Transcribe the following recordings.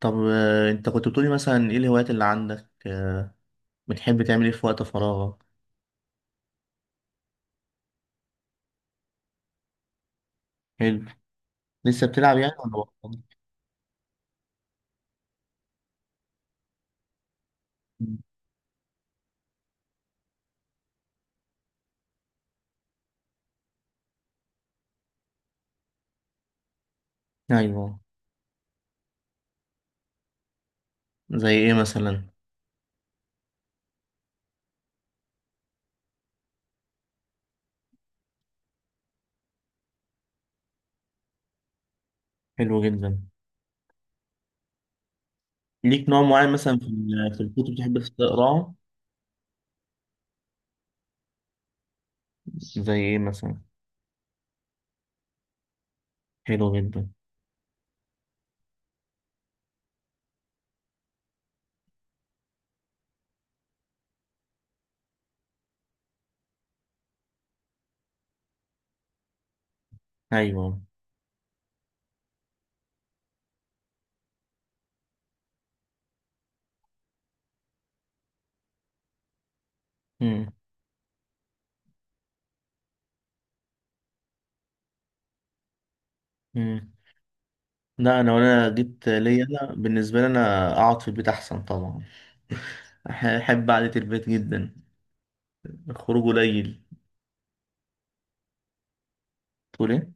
طب انت كنت بتقولي مثلا ايه الهوايات اللي عندك، بتحب تعمل ايه في وقت فراغك؟ حلو. لسه بتلعب يعني ولا بطلت؟ مم. ايوه. زي ايه مثلا؟ حلو جدا. ليك نوع معين مثلا في الكتب بتحب تقراه؟ زي ايه مثلا؟ حلو جدا. ايوه. مم. مم. لا انا وانا جيت ليا انا بالنسبه لي انا اقعد في البيت احسن طبعا. احب قعده البيت جدا. الخروج قليل. تقول ايه؟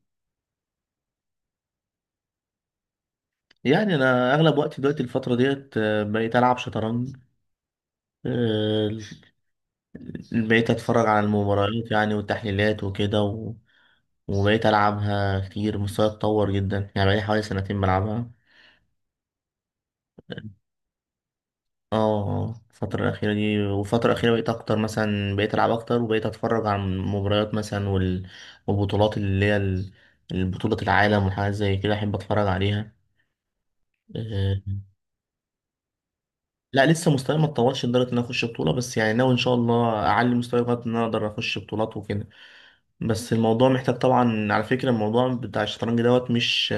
يعني انا اغلب وقتي دلوقتي الفتره ديت بقيت العب شطرنج. آه، بقيت أتفرج على المباريات يعني والتحليلات وكده وبقيت ألعبها كتير. مستواي اتطور جدا يعني، بقالي حوالي سنتين بلعبها. اه، الفترة الأخيرة دي، والفترة الأخيرة بقيت أكتر مثلا. بقيت ألعب أكتر وبقيت أتفرج على المباريات مثلا والبطولات اللي هي البطولة العالم وحاجات زي كده أحب أتفرج عليها. آه، لا، لسه مستواي ما اتطورش لدرجة إن أنا أخش بطولة، بس يعني ناوي إن شاء الله أعلي مستواي لغاية إن أنا أقدر أخش بطولات وكده. بس الموضوع محتاج طبعا. على فكرة الموضوع بتاع الشطرنج دوت مش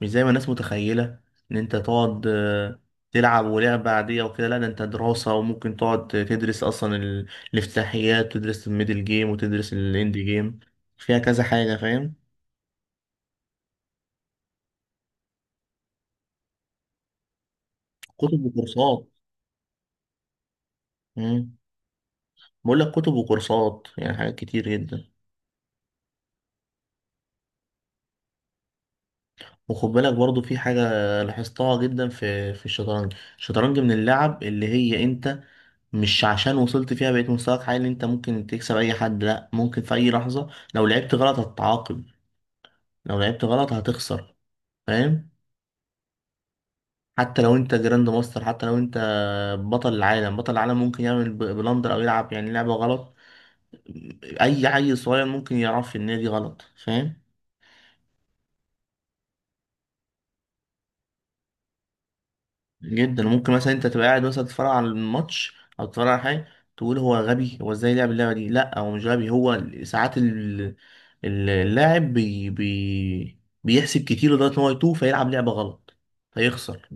مش زي ما الناس متخيلة ان انت تقعد تلعب ولعبة عادية وكده. لا ده انت دراسة، وممكن تقعد تدرس اصلا الافتتاحيات، وتدرس الميدل جيم، وتدرس الاند جيم. فيها كذا حاجة، فاهم؟ كتب وكورسات. مم. بقول لك كتب وكورسات، يعني حاجات كتير جدا. وخد بالك برضو في حاجة لاحظتها جدا في الشطرنج. الشطرنج من اللعب اللي هي انت مش عشان وصلت فيها بقيت مستواك عالي انت ممكن تكسب اي حد. لا، ممكن في اي لحظة لو لعبت غلط هتتعاقب، لو لعبت غلط هتخسر، فاهم؟ حتى لو انت جراند ماستر، حتى لو انت بطل العالم، بطل العالم ممكن يعمل بلندر او يلعب يعني لعبة غلط. اي عيل صغير ممكن يعرف ان هي دي غلط، فاهم؟ جدا ممكن مثلا انت تبقى قاعد مثلا تتفرج على الماتش او تتفرج على حاجه، تقول هو غبي، هو ازاي لعب اللعبه دي. لا، هو مش غبي، هو ساعات اللاعب بي بي بيحسب كتير لدرجه ان هو يتوه فيلعب لعبه غلط فيخسر.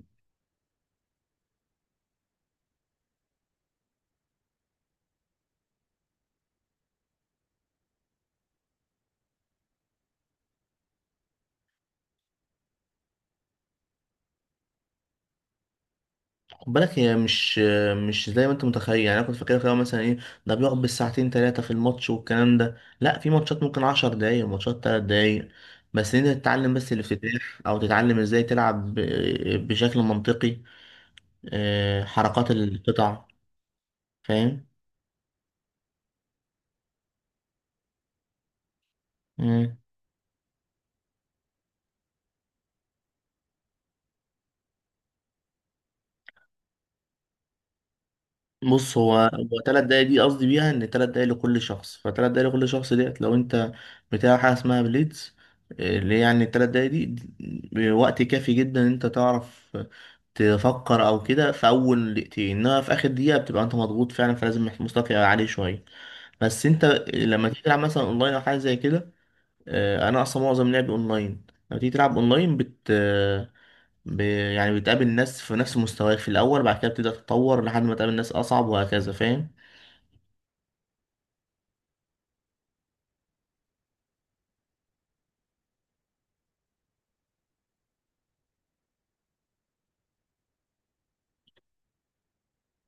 خد بالك هي مش زي ما انت متخيل. يعني انا كنت فاكرها في الأول مثلا ايه، ده بيقعد بالساعتين ثلاثه في الماتش والكلام ده. لا، في ماتشات ممكن 10 دقايق، ماتشات 3 دقايق. بس انت تتعلم بس الافتتاح او تتعلم ازاي تلعب بشكل منطقي. حركات القطع، فاهم؟ مم. بص، هو تلات دقايق دي قصدي بيها ان تلات دقايق لكل شخص، فتلات دقايق لكل شخص ديت لو انت بتاع حاجة اسمها بليدز. اللي هي يعني التلات دقايق دي وقت كافي جدا ان انت تعرف تفكر او كده في اول دقيقتين، انما في اخر دقيقة بتبقى انت مضغوط فعلا، فلازم مستواك يبقى عالي شوية. بس انت لما تيجي تلعب مثلا اونلاين او حاجة زي كده، انا اصلا معظم لعبي اونلاين. لما تيجي تلعب اونلاين ب... يعني بتقابل ناس في نفس مستواك في الاول، بعد كده بتبدا تتطور لحد ما تقابل ناس اصعب وهكذا، فاهم؟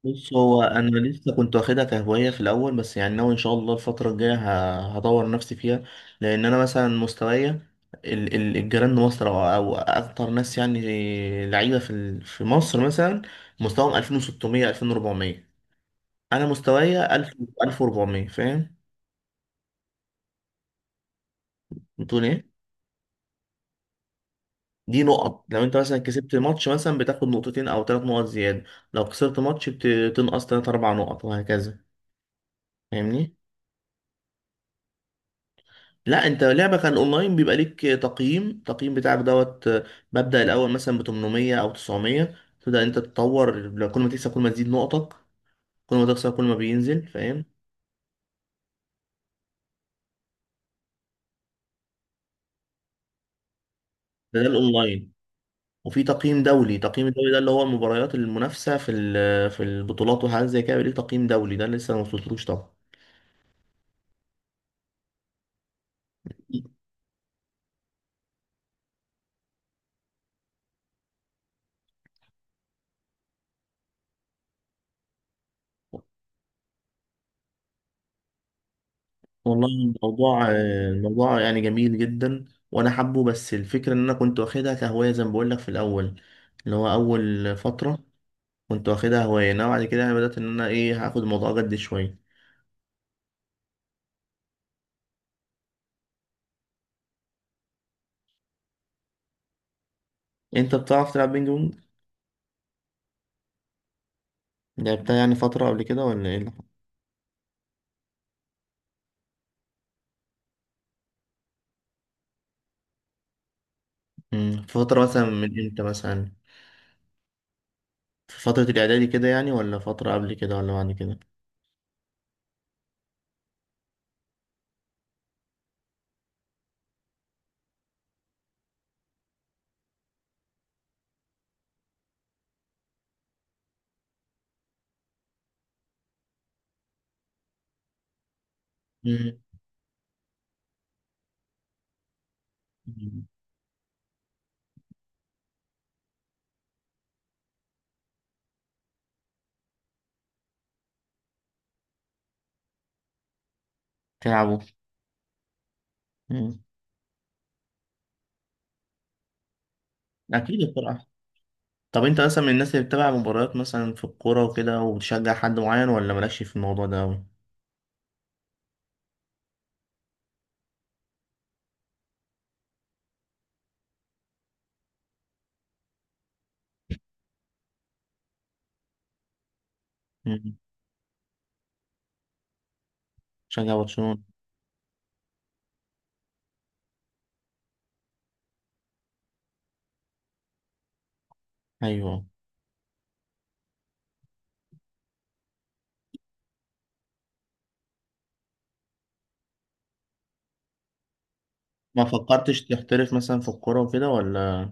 بص، هو انا لسه كنت واخدها كهوايه في الاول، بس يعني ناوي ان شاء الله الفتره الجايه هطور نفسي فيها. لان انا مثلا مستوايا الجيران مصر او اكتر ناس يعني لعيبه في مصر مثلا مستواهم 2600 2400، انا مستوايا 1000 1400، فاهم؟ بتقول ايه؟ دي نقط، لو انت مثلا كسبت ماتش مثلا بتاخد نقطتين او ثلاث نقط زيادة، لو خسرت ماتش بتنقص ثلاث اربع نقط وهكذا، فاهمني؟ لا، انت لعبة كان اونلاين بيبقى ليك تقييم، التقييم بتاعك دوت مبدأ الاول مثلا ب 800 او 900، تبدأ انت تتطور لو كل ما تكسب كل ما تزيد نقطك، كل ما تخسر كل ما بينزل، فاهم؟ ده الاونلاين، وفي تقييم دولي. تقييم الدولي ده اللي هو المباريات المنافسة في البطولات وحاجات زي كده ليه تقييم دولي، ده لسه ما وصلتلوش. طبعا. والله الموضوع، الموضوع يعني جميل جدا، وانا حابه، بس الفكره ان انا كنت واخدها كهوايه زي ما بقول لك في الاول، اللي هو اول فتره كنت واخدها هوايه انا، بعد كده يعني بدات ان انا ايه، هاخد الموضوع جد شويه. انت بتعرف تلعب بينج بونج؟ لعبتها يعني فتره قبل كده ولا ايه اللي حصل؟ في فتره مثلا من امتى مثلا؟ في فتره الاعدادي كده يعني، ولا فتره قبل كده، ولا بعد كده؟ مم. مم. تلعبوا؟ مم. اكيد. طب انت مثلا من الناس اللي بتتابع مباريات مثلا في الكورة وكده وبتشجع حد معين ولا مالكش في الموضوع ده أوي؟ مم. تشجع برشلونة؟ أيوه. ما فكرتش تحترف مثلا في الكورة وكده ولا؟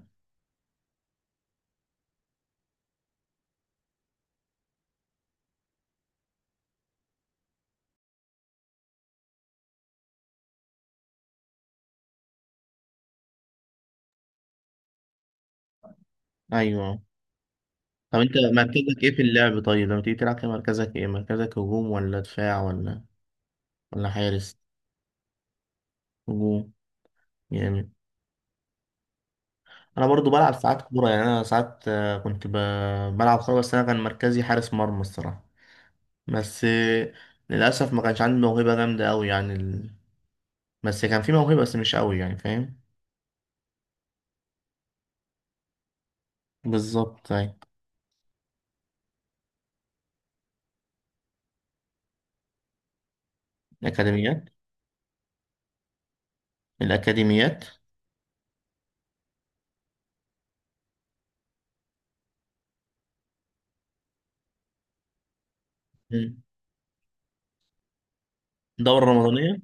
أيوه. طب انت مركزك ايه في اللعب؟ طيب لما تيجي تلعب كده مركزك ايه؟ مركزك هجوم ولا دفاع ولا حارس؟ هجوم، جامد. انا برضو بلعب ساعات كورة، يعني انا ساعات كنت بلعب كورة، بس انا كان مركزي حارس مرمى الصراحة. بس، للأسف ما كانش عندي موهبة جامدة أوي يعني، بس كان في موهبة بس مش قوي يعني، فاهم؟ بالظبط، أيوة. الأكاديميات. الأكاديميات. مم. دورة رمضانية.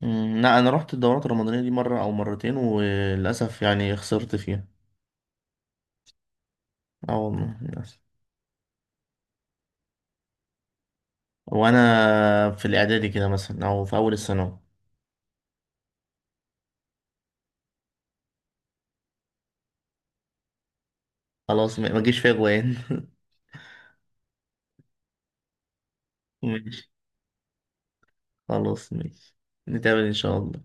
لا، أنا رحت الدورات الرمضانية دي مرة أو مرتين وللأسف يعني خسرت فيها. أه والله، للأسف. وأنا في الإعدادي كده مثلا أو في أول الثانوي. خلاص، ما جيش فيها جوان. ماشي. خلاص ماشي. نتقابل إن شاء الله.